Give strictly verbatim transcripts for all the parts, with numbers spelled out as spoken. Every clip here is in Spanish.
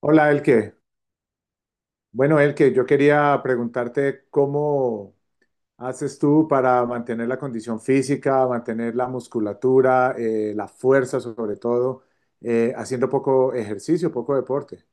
Hola, Elke. Bueno, Elke, yo quería preguntarte cómo haces tú para mantener la condición física, mantener la musculatura, eh, la fuerza sobre todo, eh, haciendo poco ejercicio, poco deporte.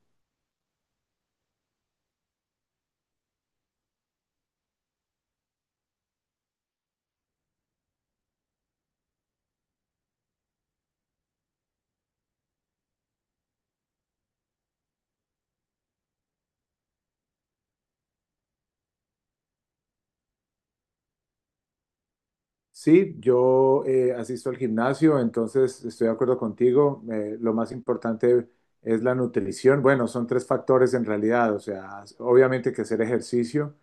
Sí, yo eh, asisto al gimnasio, entonces estoy de acuerdo contigo. Eh, lo más importante es la nutrición. Bueno, son tres factores en realidad, o sea, obviamente que hacer ejercicio,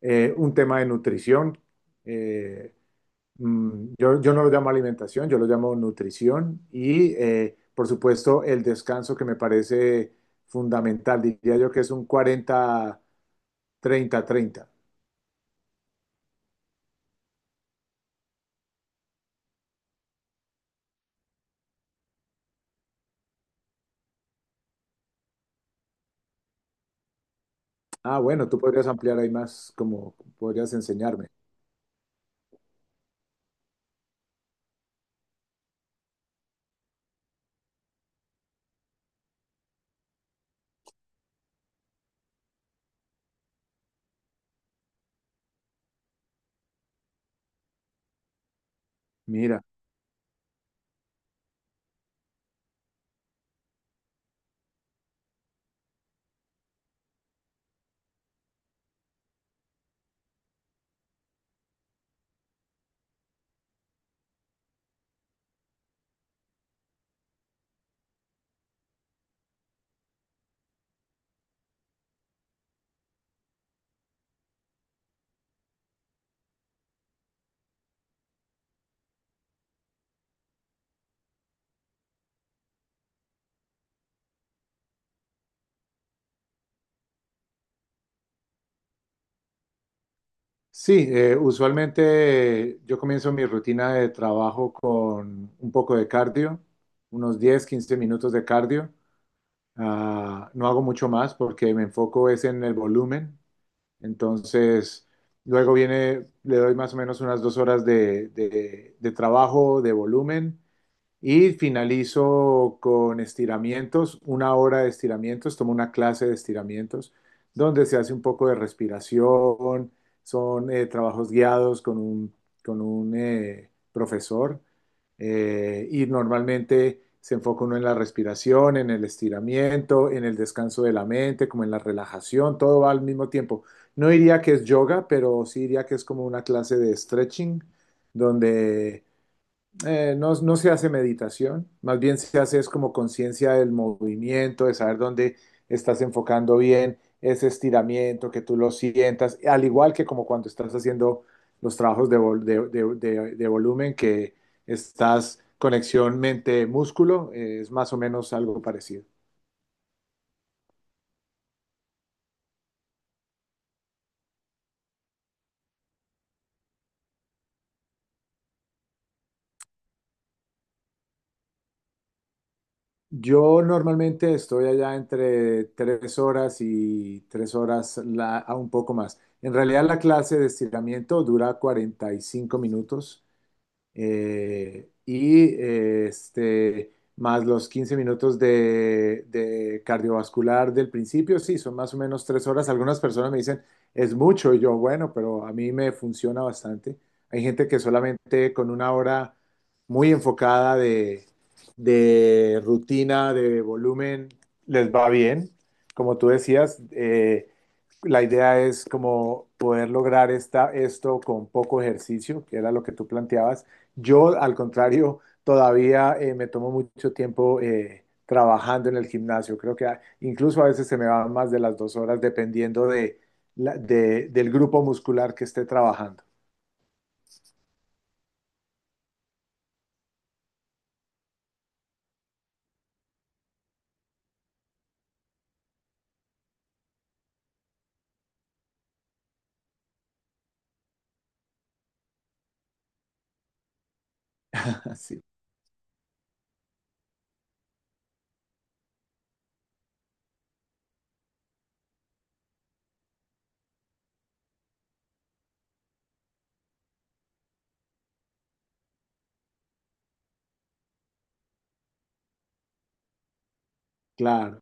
eh, un tema de nutrición. eh, Mm, Yo, yo no lo llamo alimentación, yo lo llamo nutrición y, eh, por supuesto, el descanso que me parece fundamental. Diría yo que es un cuarenta treinta treinta. Ah, bueno, tú podrías ampliar ahí más, como podrías enseñarme. Mira, sí, eh, usualmente yo comienzo mi rutina de trabajo con un poco de cardio, unos diez quince minutos de cardio. Ah, no hago mucho más porque me enfoco es en el volumen. Entonces, luego viene, le doy más o menos unas dos horas de, de- de trabajo, de volumen, y finalizo con estiramientos, una hora de estiramientos, tomo una clase de estiramientos donde se hace un poco de respiración, son eh, trabajos guiados con un, con un eh, profesor eh, y normalmente se enfoca uno en la respiración, en el estiramiento, en el descanso de la mente, como en la relajación, todo va al mismo tiempo. No diría que es yoga, pero sí diría que es como una clase de stretching donde eh, no, no se hace meditación, más bien se hace es como conciencia del movimiento, de saber dónde estás enfocando bien ese estiramiento, que tú lo sientas, al igual que como cuando estás haciendo los trabajos de, vol- de- de- de- de volumen, que estás conexión mente-músculo, eh, es más o menos algo parecido. Yo normalmente estoy allá entre tres horas y tres horas la- a un poco más. En realidad la clase de estiramiento dura cuarenta y cinco minutos. Eh, y eh, este, más los quince minutos de, de cardiovascular del principio, sí, son más o menos tres horas. Algunas personas me dicen, es mucho, y yo, bueno, pero a mí me funciona bastante. Hay gente que solamente con una hora muy enfocada de, de rutina, de volumen, les va bien. Como tú decías, eh, la idea es como poder lograr esta, esto con poco ejercicio, que era lo que tú planteabas, yo, al contrario, todavía eh, me tomo mucho tiempo eh, trabajando en el gimnasio. Creo que a- incluso a veces se me van más de las dos horas dependiendo de, la- de- del grupo muscular que esté trabajando. Sí, claro.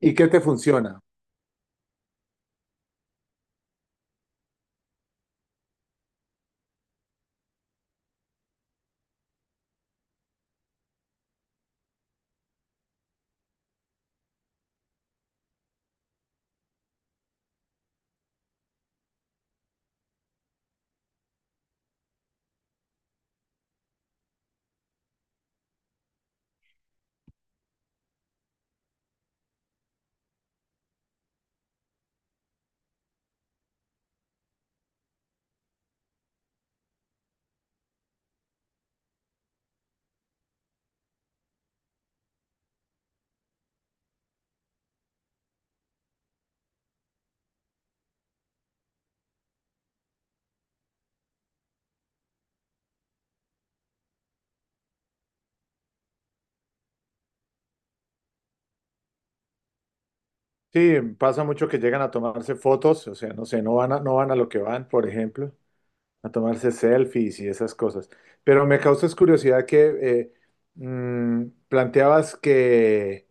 ¿Y qué te funciona? Sí, pasa mucho que llegan a tomarse fotos, o sea, no sé, no van a, no van a lo que van, por ejemplo. A tomarse selfies y esas cosas. Pero me causas curiosidad que eh, mm, planteabas que,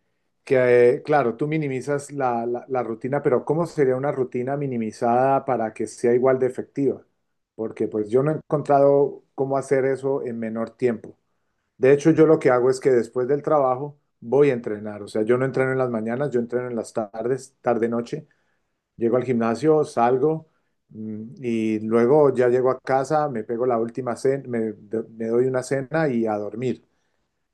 que, eh, claro, tú minimizas la, la- la rutina, pero ¿cómo sería una rutina minimizada para que sea igual de efectiva? Porque pues yo no he encontrado cómo hacer eso en menor tiempo. De hecho, yo lo que hago es que después del trabajo voy a entrenar. O sea, yo no entreno en las mañanas, yo entreno en las tardes, tarde-noche. Llego al gimnasio, salgo mm, y luego ya llego a casa, me pego la última cena, me, do- me doy una cena y a dormir,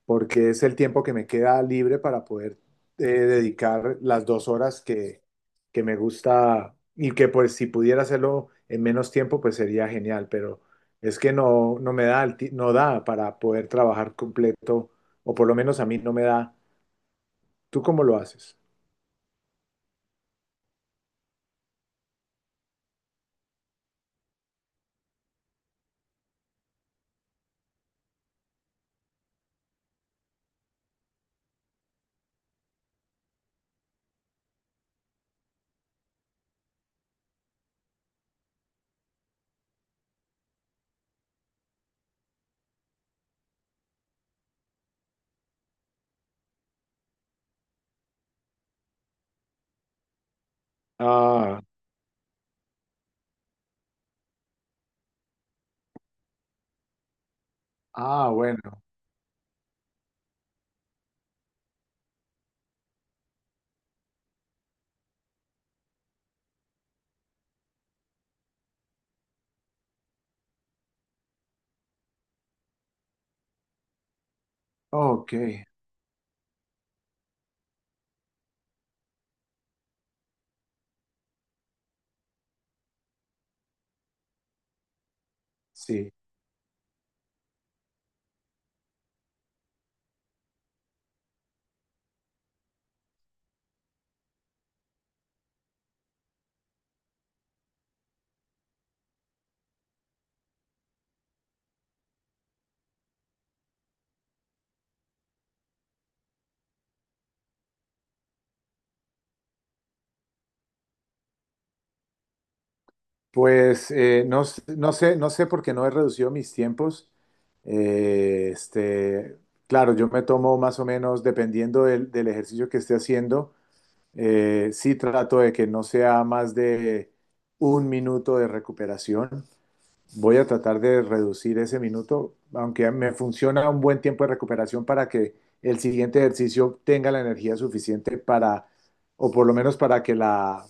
porque es el tiempo que me queda libre para poder eh, dedicar las dos horas que, que me gusta y que pues si pudiera hacerlo en menos tiempo, pues sería genial, pero es que no, no me da, el ti- no da para poder trabajar completo, o por lo menos a mí no me da. ¿Tú cómo lo haces? Ah, ah, bueno, ok, sí. Pues eh, no, s- no sé, no sé por qué no he reducido mis tiempos. Eh, este, claro, yo me tomo más o menos, dependiendo del, del ejercicio que esté haciendo, eh, sí trato de que no sea más de un minuto de recuperación. Voy a tratar de reducir ese minuto, aunque me funciona un buen tiempo de recuperación para que el siguiente ejercicio tenga la energía suficiente para, o por lo menos para que la,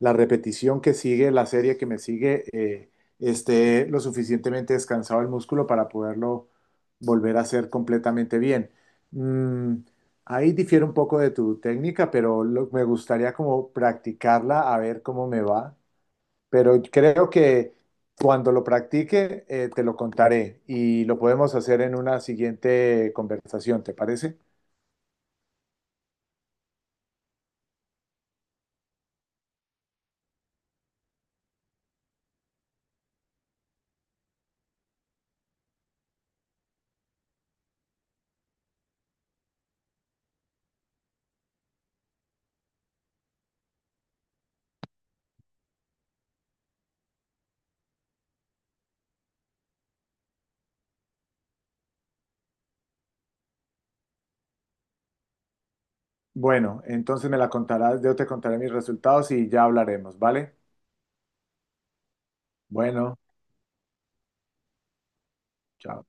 la repetición que sigue, la serie que me sigue, eh, esté lo suficientemente descansado el músculo para poderlo volver a hacer completamente bien. Mm, ahí difiere un poco de tu técnica, pero lo- me gustaría como practicarla a ver cómo me va. Pero creo que cuando lo practique, eh, te lo contaré y lo podemos hacer en una siguiente conversación, ¿te parece? Bueno, entonces me la contarás, yo te contaré mis resultados y ya hablaremos, ¿vale? Bueno, chao.